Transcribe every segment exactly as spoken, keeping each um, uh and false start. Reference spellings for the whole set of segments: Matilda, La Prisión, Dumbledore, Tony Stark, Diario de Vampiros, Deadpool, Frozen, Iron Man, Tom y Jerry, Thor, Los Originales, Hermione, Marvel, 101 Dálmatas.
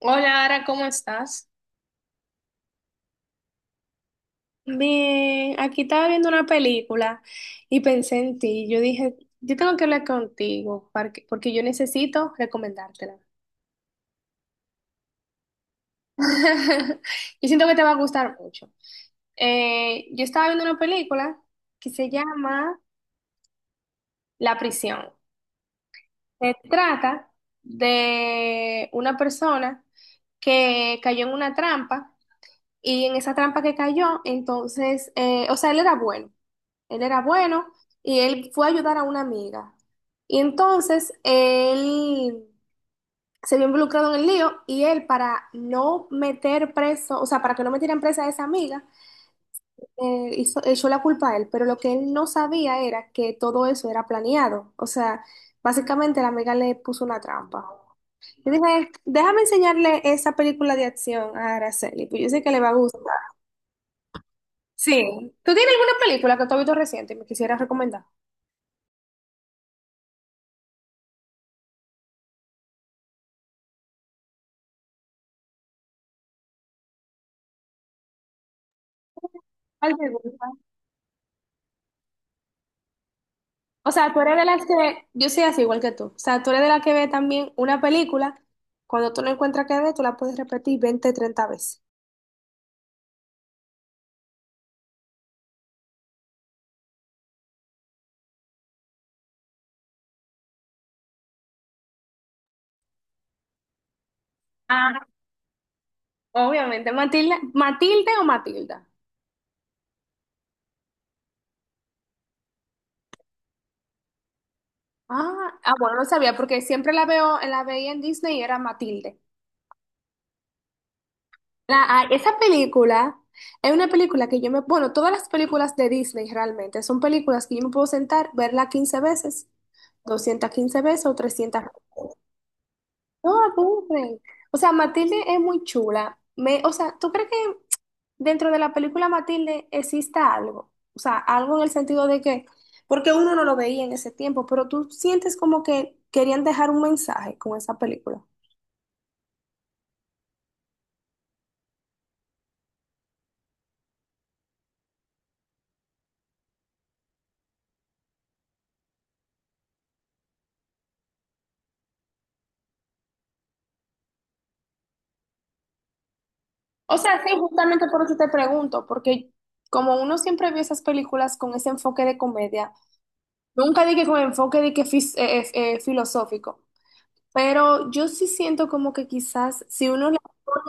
Hola, Ara, ¿cómo estás? Bien, aquí estaba viendo una película y pensé en ti. Yo dije, yo tengo que hablar contigo para que- porque yo necesito recomendártela. Yo siento que te va a gustar mucho. Eh, yo estaba viendo una película que se llama La Prisión. Se trata de una persona que cayó en una trampa y en esa trampa que cayó, entonces, eh, o sea, él era bueno. Él era bueno y él fue a ayudar a una amiga. Y entonces él se vio involucrado en el lío y él para no meter preso, o sea, para que no metieran presa a esa amiga, eh, hizo- echó la culpa a él. Pero lo que él no sabía era que todo eso era planeado. O sea, básicamente la amiga le puso una trampa. Yo dije, déjame enseñarle esa película de acción a Araceli, pues yo sé que le va a gustar. Sí. ¿Tú tienes alguna película que tú has visto reciente y me quisieras recomendar? ¿Cuál te gusta? O sea, tú eres de las que, yo soy así igual que tú. O sea, tú eres de las que ve también una película, cuando tú no encuentras que ver, tú la puedes repetir veinte, treinta veces. Ah, obviamente. Matilda, Matilde o Matilda. Ah, ah, bueno, no sabía porque siempre la veo, la veía en Disney y era Matilde. La- ah, esa película es una película que yo me, bueno, todas las películas de Disney realmente son películas que yo me puedo sentar, verla quince veces, doscientas quince veces o trescientas. No, aburren. O sea, Matilde es muy chula. Me, o sea, ¿tú crees que dentro de la película Matilde exista algo? O sea, algo en el sentido de que, porque uno no lo veía en ese tiempo, pero tú sientes como que querían dejar un mensaje con esa película. O sea, sí, justamente por eso te pregunto, porque como uno siempre vio esas películas con ese enfoque de comedia, nunca dije con enfoque de que fis- eh, eh, eh, filosófico. Pero yo sí siento como que quizás si uno le pone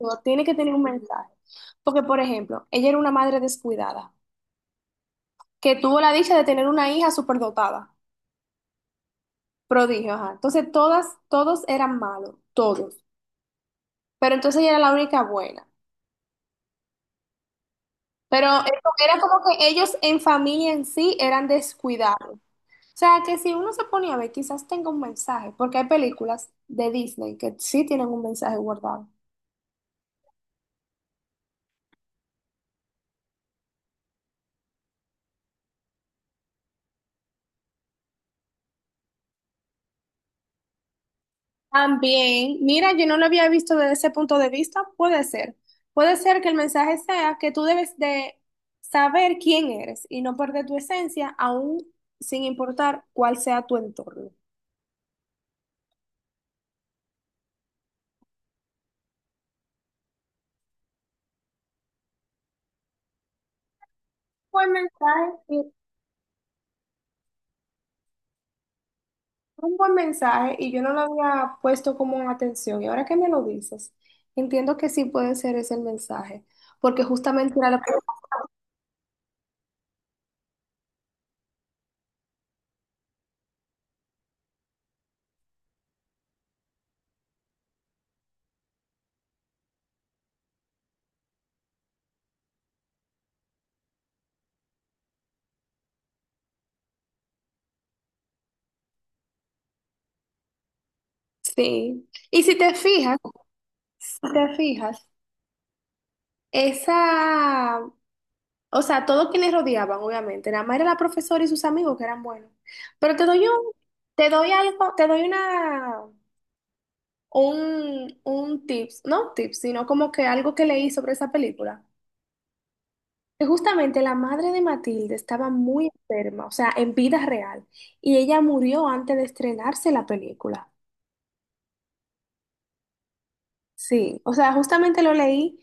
todo, tiene que tener un mensaje. Porque, por ejemplo, ella era una madre descuidada, que tuvo la dicha de tener una hija superdotada, prodigio, ajá. Entonces, todas, todos eran malos, todos. Pero entonces ella era la única buena. Pero eso- era como que ellos en familia en sí eran descuidados. O sea, que si uno se ponía a ver, quizás tenga un mensaje, porque hay películas de Disney que sí tienen un mensaje guardado. También, mira, yo no lo había visto desde ese punto de vista, puede ser. Puede ser que el mensaje sea que tú debes de saber quién eres y no perder tu esencia, aún sin importar cuál sea tu entorno. Buen mensaje, sí, un buen mensaje y yo no lo había puesto como en atención. Y ahora que me lo dices, entiendo que sí puede ser ese el mensaje, porque justamente era lo Sí. Y si te fijas, si te fijas, esa O sea, todos quienes rodeaban, obviamente. Nada más era la profesora y sus amigos que eran buenos. Pero te doy un, te doy algo, te doy una, un, un tips, no tips, sino como que algo que leí sobre esa película. Que justamente la madre de Matilde estaba muy enferma, o sea, en vida real. Y ella murió antes de estrenarse la película. Sí, o sea, justamente lo leí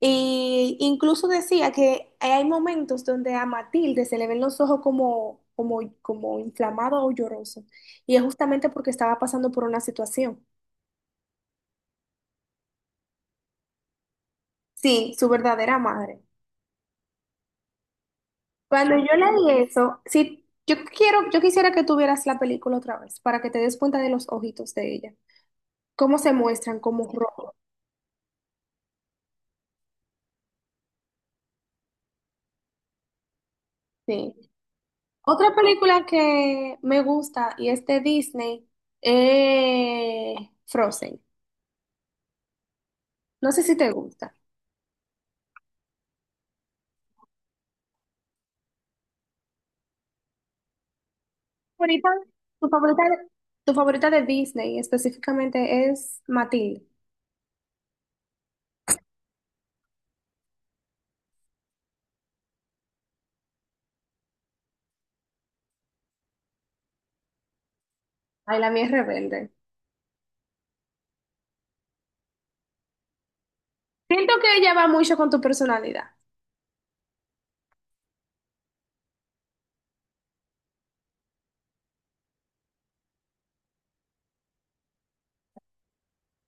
e incluso decía que hay momentos donde a Matilde se le ven los ojos como, como, como inflamado o lloroso, y es justamente porque estaba pasando por una situación. Sí, su verdadera madre. Cuando yo leí eso, sí, yo quiero, yo quisiera que tuvieras la película otra vez para que te des cuenta de los ojitos de ella, cómo se muestran como rojos. Sí. Otra película que me gusta y es de Disney, eh, Frozen. No sé si te gusta. Ahorita, tu favorita, tu favorita de Disney específicamente es Matilde. Ay, la mía es rebelde. Siento que ella va mucho con tu personalidad.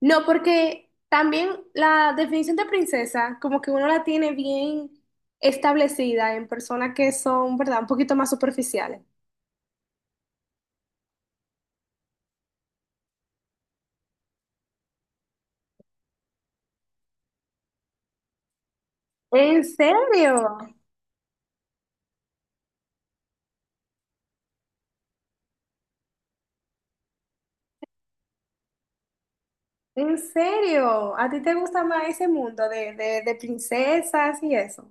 No, porque también la definición de princesa, como que uno la tiene bien establecida en personas que son, ¿verdad?, un poquito más superficiales. ¿En serio? ¿En serio? ¿A ti te gusta más ese mundo de, de, de princesas y eso?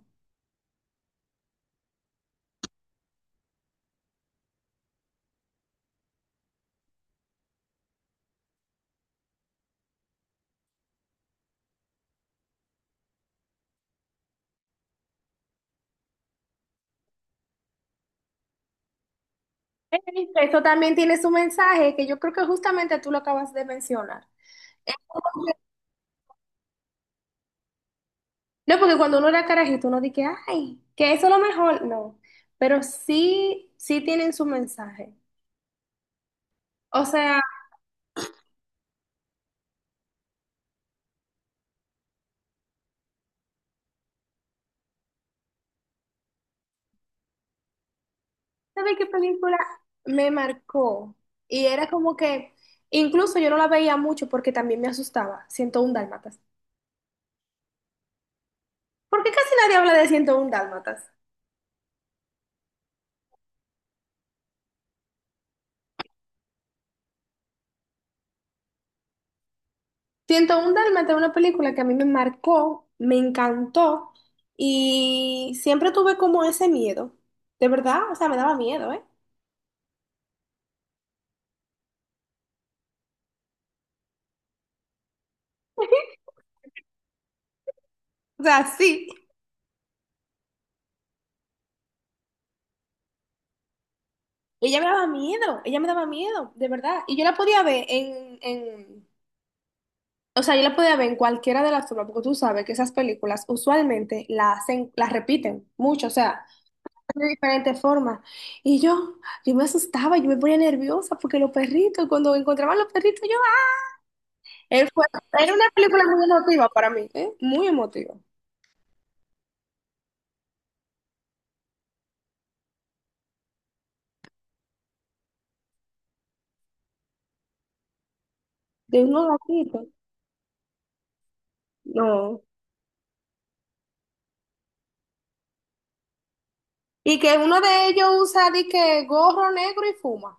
Ey, eso también tiene su mensaje, que yo creo que justamente tú lo acabas de mencionar. Es como que- No, porque cuando uno era carajito, uno dice, ay, que eso es lo mejor. No, pero sí, sí tienen su mensaje. O sea, ¿sabes qué película me marcó? Y era como que, incluso yo no la veía mucho porque también me asustaba, ciento uno Dálmatas. ¿Por qué casi nadie habla de ciento uno Dálmatas? ciento uno Dálmata es una película que a mí me marcó, me encantó y siempre tuve como ese miedo. De verdad, o sea, me daba miedo, ¿eh? O sea, sí. Ella me daba miedo, ella me daba miedo, de verdad. Y yo la podía ver en, en- o sea, yo la podía ver en cualquiera de las formas, porque tú sabes que esas películas usualmente las hacen, las repiten mucho, o sea, de diferentes formas. Y yo, yo me asustaba, yo me ponía nerviosa porque los perritos, cuando encontraban los perritos, Él fue, era una película muy emotiva para mí, ¿eh? Muy emotiva. De unos gatitos. No. Y que uno de ellos usa de que gorro negro y fuma.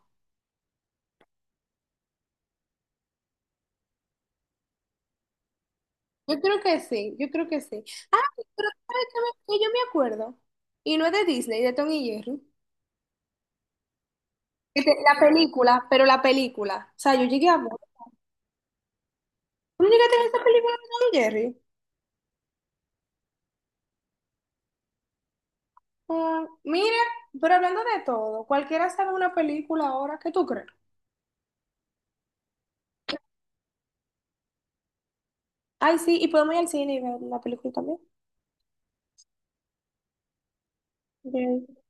Yo creo que sí, yo creo que sí. Ah, pero ¿sabes qué me- que yo me acuerdo? Y no es de Disney, de Tom y Jerry. Este, la película, pero la película. O sea, yo llegué a ver. ¿Tú no llegaste a ver esa película de Tom y Jerry? Ah, mira, pero hablando de todo, cualquiera sabe una película ahora, ¿qué tú crees? Ay, sí, y podemos ir al cine y ver una película también. Ok.